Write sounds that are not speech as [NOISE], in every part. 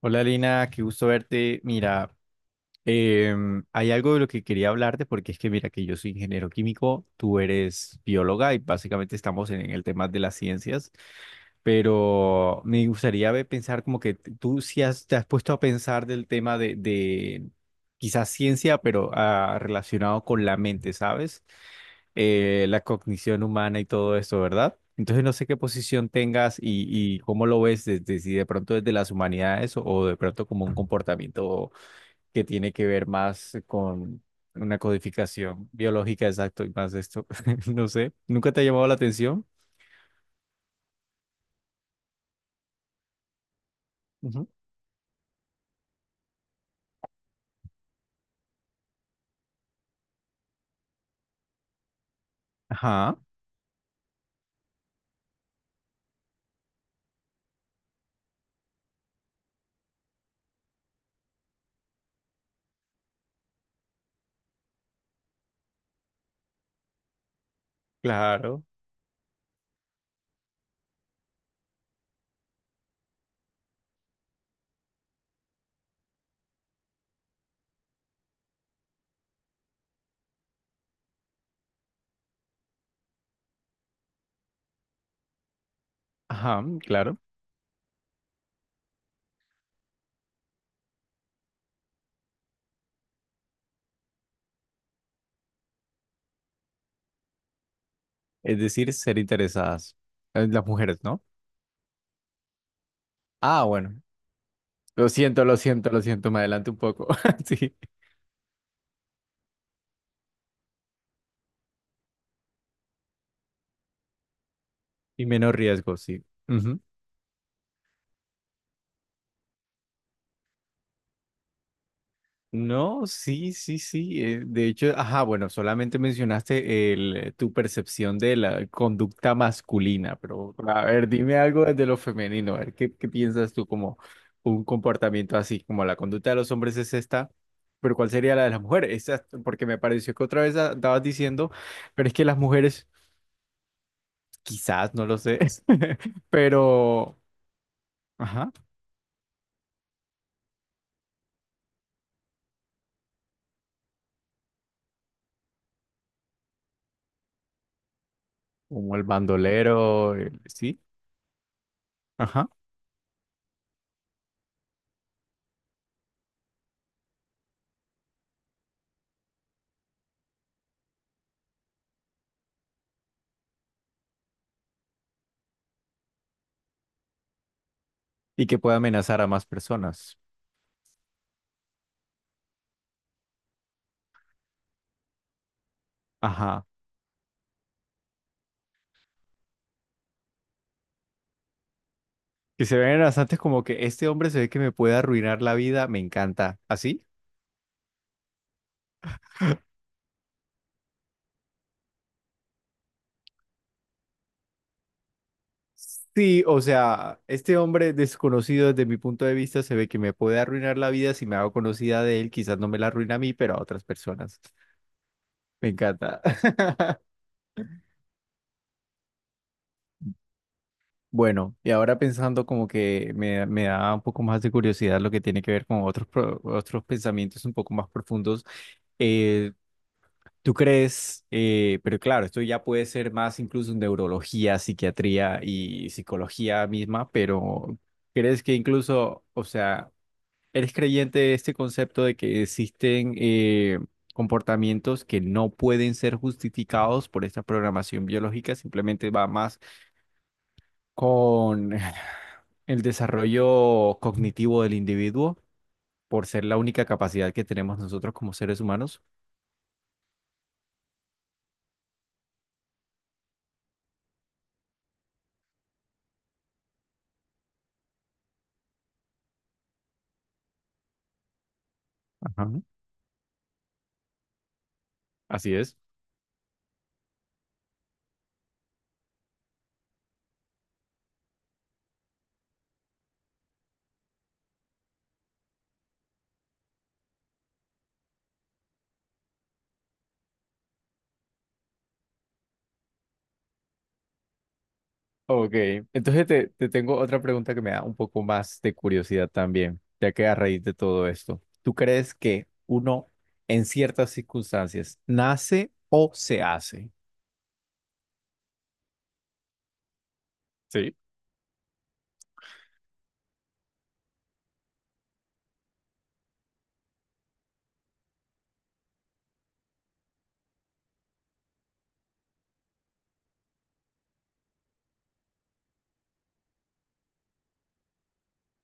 Hola Lina, qué gusto verte. Mira, hay algo de lo que quería hablarte porque es que mira que yo soy ingeniero químico, tú eres bióloga y básicamente estamos en el tema de las ciencias, pero me gustaría pensar como que tú sí has, te has puesto a pensar del tema de quizás ciencia, pero relacionado con la mente, ¿sabes? La cognición humana y todo esto, ¿verdad? Entonces no sé qué posición tengas y cómo lo ves desde si de pronto desde las humanidades o de pronto como un comportamiento que tiene que ver más con una codificación biológica, exacto, y más de esto. [LAUGHS] No sé, ¿nunca te ha llamado la atención? Ujú. Ajá, claro. Ajá, mm, claro. Es decir, ser interesadas. Las mujeres, ¿no? Ah, bueno. Lo siento, lo siento, lo siento. Me adelanto un poco. [LAUGHS] Sí. Y menos riesgo, sí. No, sí, sí, sí, de hecho, ajá, bueno, solamente mencionaste tu percepción de la conducta masculina, pero a ver, dime algo desde lo femenino, a ver, qué piensas tú como un comportamiento así, como la conducta de los hombres es esta, pero cuál sería la de las mujeres? Porque me pareció que otra vez estabas diciendo, pero es que las mujeres, quizás, no lo sé, [LAUGHS] pero, ajá, como el bandolero, sí, ajá, y que puede amenazar a más personas. Ajá. Que se ven bastantes como que este hombre se ve que me puede arruinar la vida, me encanta. ¿Así? Sí, o sea, este hombre desconocido desde mi punto de vista se ve que me puede arruinar la vida si me hago conocida de él, quizás no me la arruina a mí, pero a otras personas. Me encanta. [LAUGHS] Bueno, y ahora pensando como que me da un poco más de curiosidad lo que tiene que ver con otros pensamientos un poco más profundos. eh, ¿Tú crees? Pero claro, esto ya puede ser más incluso en neurología, psiquiatría y psicología misma, pero ¿crees que incluso, o sea, eres creyente de este concepto de que existen comportamientos que no pueden ser justificados por esta programación biológica? Simplemente va más con [LAUGHS] [SIGHS] el desarrollo cognitivo del individuo por ser la única capacidad que tenemos nosotros como seres humanos. Ajá. Así es. Ok, entonces te tengo otra pregunta que me da un poco más de curiosidad también, ya que a raíz de todo esto, ¿tú crees que uno en ciertas circunstancias nace o se hace? ¿Sí?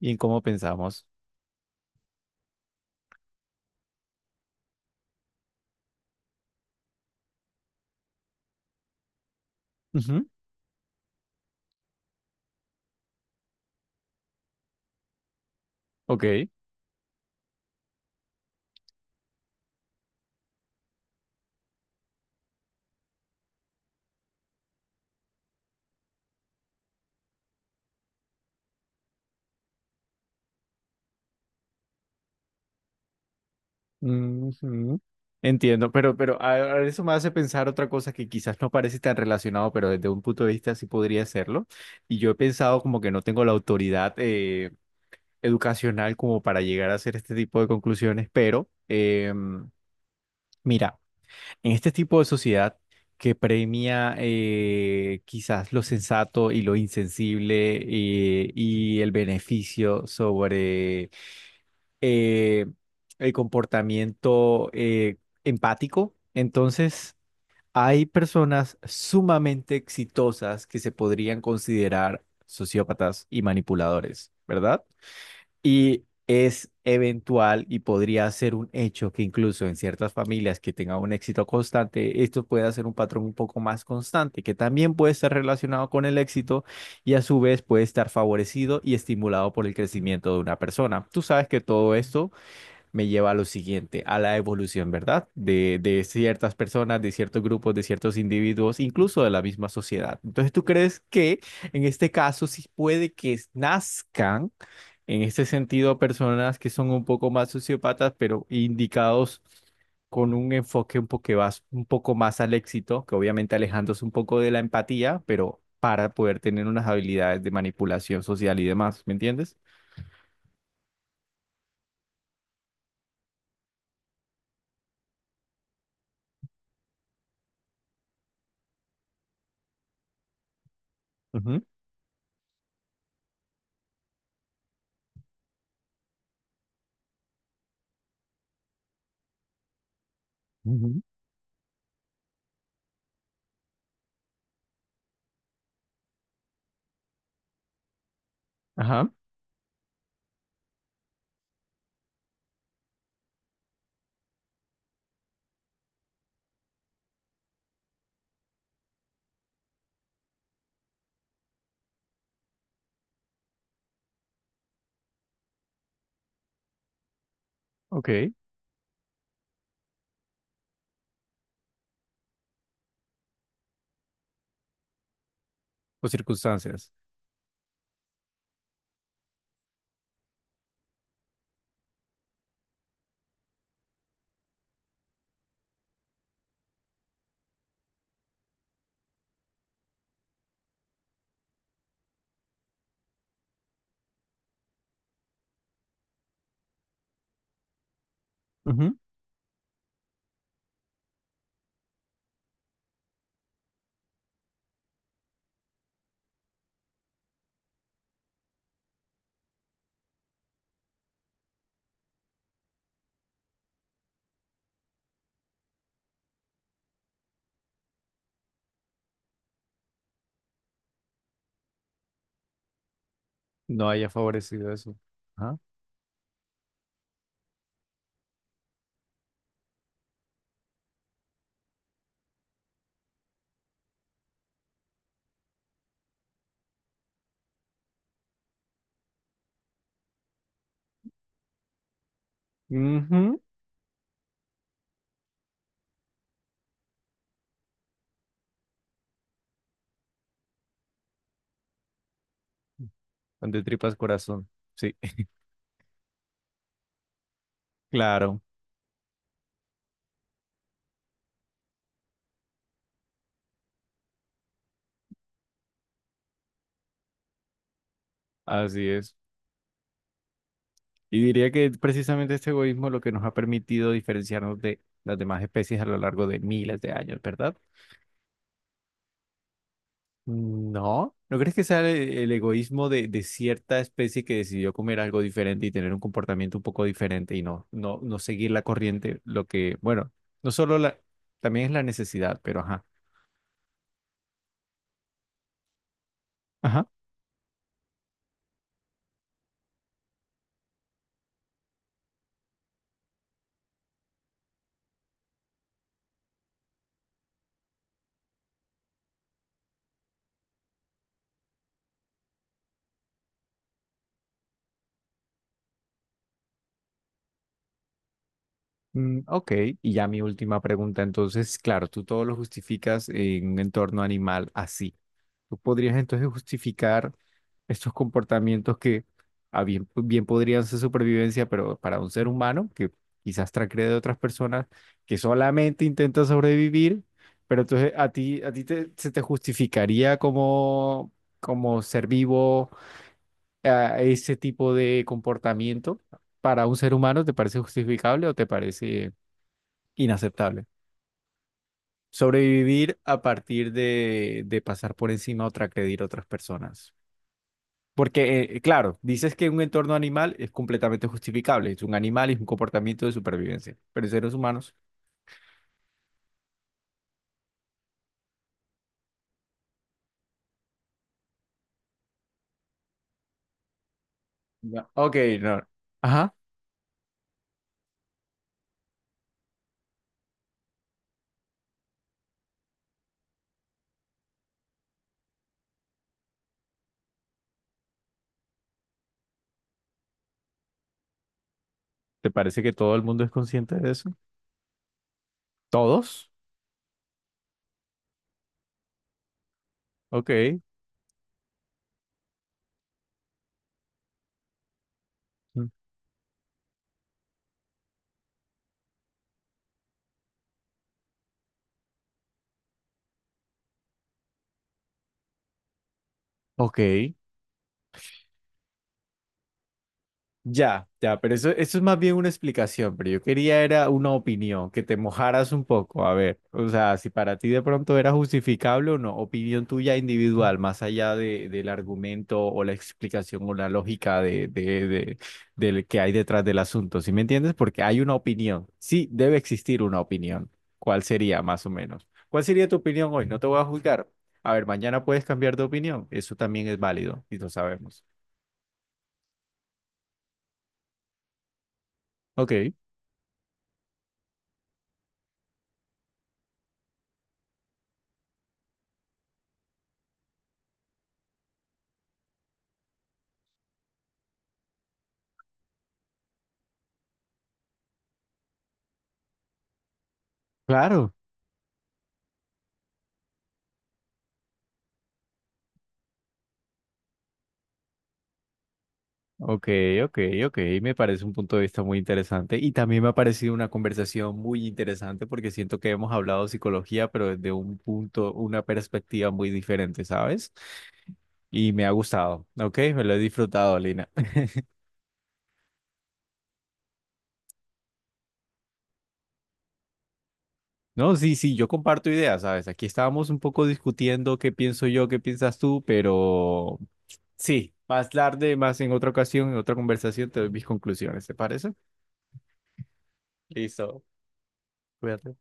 ¿Y en cómo pensamos? Ujú. Ok. Ujú. Entiendo, pero, a eso me hace pensar otra cosa que quizás no parece tan relacionado, pero desde un punto de vista sí podría serlo. Y yo he pensado como que no tengo la autoridad educacional como para llegar a hacer este tipo de conclusiones, pero mira, en este tipo de sociedad que premia quizás lo sensato y lo insensible y el beneficio sobre eh, el comportamiento empático, entonces hay personas sumamente exitosas que se podrían considerar sociópatas y manipuladores, ¿verdad? Y es eventual y podría ser un hecho que incluso en ciertas familias que tengan un éxito constante, esto pueda ser un patrón un poco más constante, que también puede estar relacionado con el éxito y a su vez puede estar favorecido y estimulado por el crecimiento de una persona. Tú sabes que todo esto me lleva a lo siguiente, a la evolución, ¿verdad? De ciertas personas, de ciertos grupos, de ciertos individuos, incluso de la misma sociedad. Entonces, ¿tú crees que en este caso sí puede que nazcan, en este sentido, personas que son un poco más sociópatas, pero indicados con un enfoque más, un poco más al éxito, que obviamente alejándose un poco de la empatía, pero para poder tener unas habilidades de manipulación social y demás, ¿me entiendes? Ujú. Ujú. Ajá, ok. O circunstancias. Ujú. No haya favorecido eso. Ajá. Ujú. Donde tripas corazón. Sí, [LAUGHS] claro, así es. Y diría que precisamente este egoísmo es lo que nos ha permitido diferenciarnos de las demás especies a lo largo de miles de años, ¿verdad? No, ¿no crees que sea el egoísmo de cierta especie que decidió comer algo diferente y tener un comportamiento un poco diferente y no, no, no seguir la corriente? Lo que, bueno, no solo la, también es la necesidad, pero ajá. Ajá. Mm, ok, y ya mi última pregunta. Entonces, claro, tú todo lo justificas en un entorno animal así. Tú podrías entonces justificar estos comportamientos que a bien, pues, bien podrían ser supervivencia, pero para un ser humano que quizás transgrede de otras personas que solamente intenta sobrevivir, pero entonces a ti, se te justificaría como, como ser vivo a ese tipo de comportamiento para un ser humano, ¿te parece justificable o te parece inaceptable? Sobrevivir a partir de pasar por encima o transgredir otras personas. Porque, claro, dices que un entorno animal es completamente justificable. Es un animal y es un comportamiento de supervivencia. Pero en seres humanos. No. Ok, no. Ajá. ¿Te parece que todo el mundo es consciente de eso? ¿Todos? Ok. Mm. Ok. Ya, ya, pero eso es más bien una explicación, pero yo quería era una opinión, que te mojaras un poco, a ver, o sea, si para ti de pronto era justificable o no, opinión tuya individual, más allá de, del argumento o la explicación o la lógica del que hay detrás del asunto, ¿sí me entiendes? Porque hay una opinión, sí, debe existir una opinión, ¿cuál sería más o menos? ¿Cuál sería tu opinión hoy? No te voy a juzgar. A ver, mañana puedes cambiar de opinión, eso también es válido y lo sabemos. Ok. Claro. Ok, ok, ok, me parece un punto de vista muy interesante y también me ha parecido una conversación muy interesante porque siento que hemos hablado de psicología, pero desde un punto, una perspectiva muy diferente, ¿sabes? Y me ha gustado, ok, me lo he disfrutado, Lina. [LAUGHS] No, sí, sí, yo comparto ideas, ¿sabes? Aquí estábamos un poco discutiendo qué pienso yo, qué piensas tú, pero sí, más tarde, más en otra ocasión, en otra conversación, te doy mis conclusiones, ¿te parece? Listo, cuídate.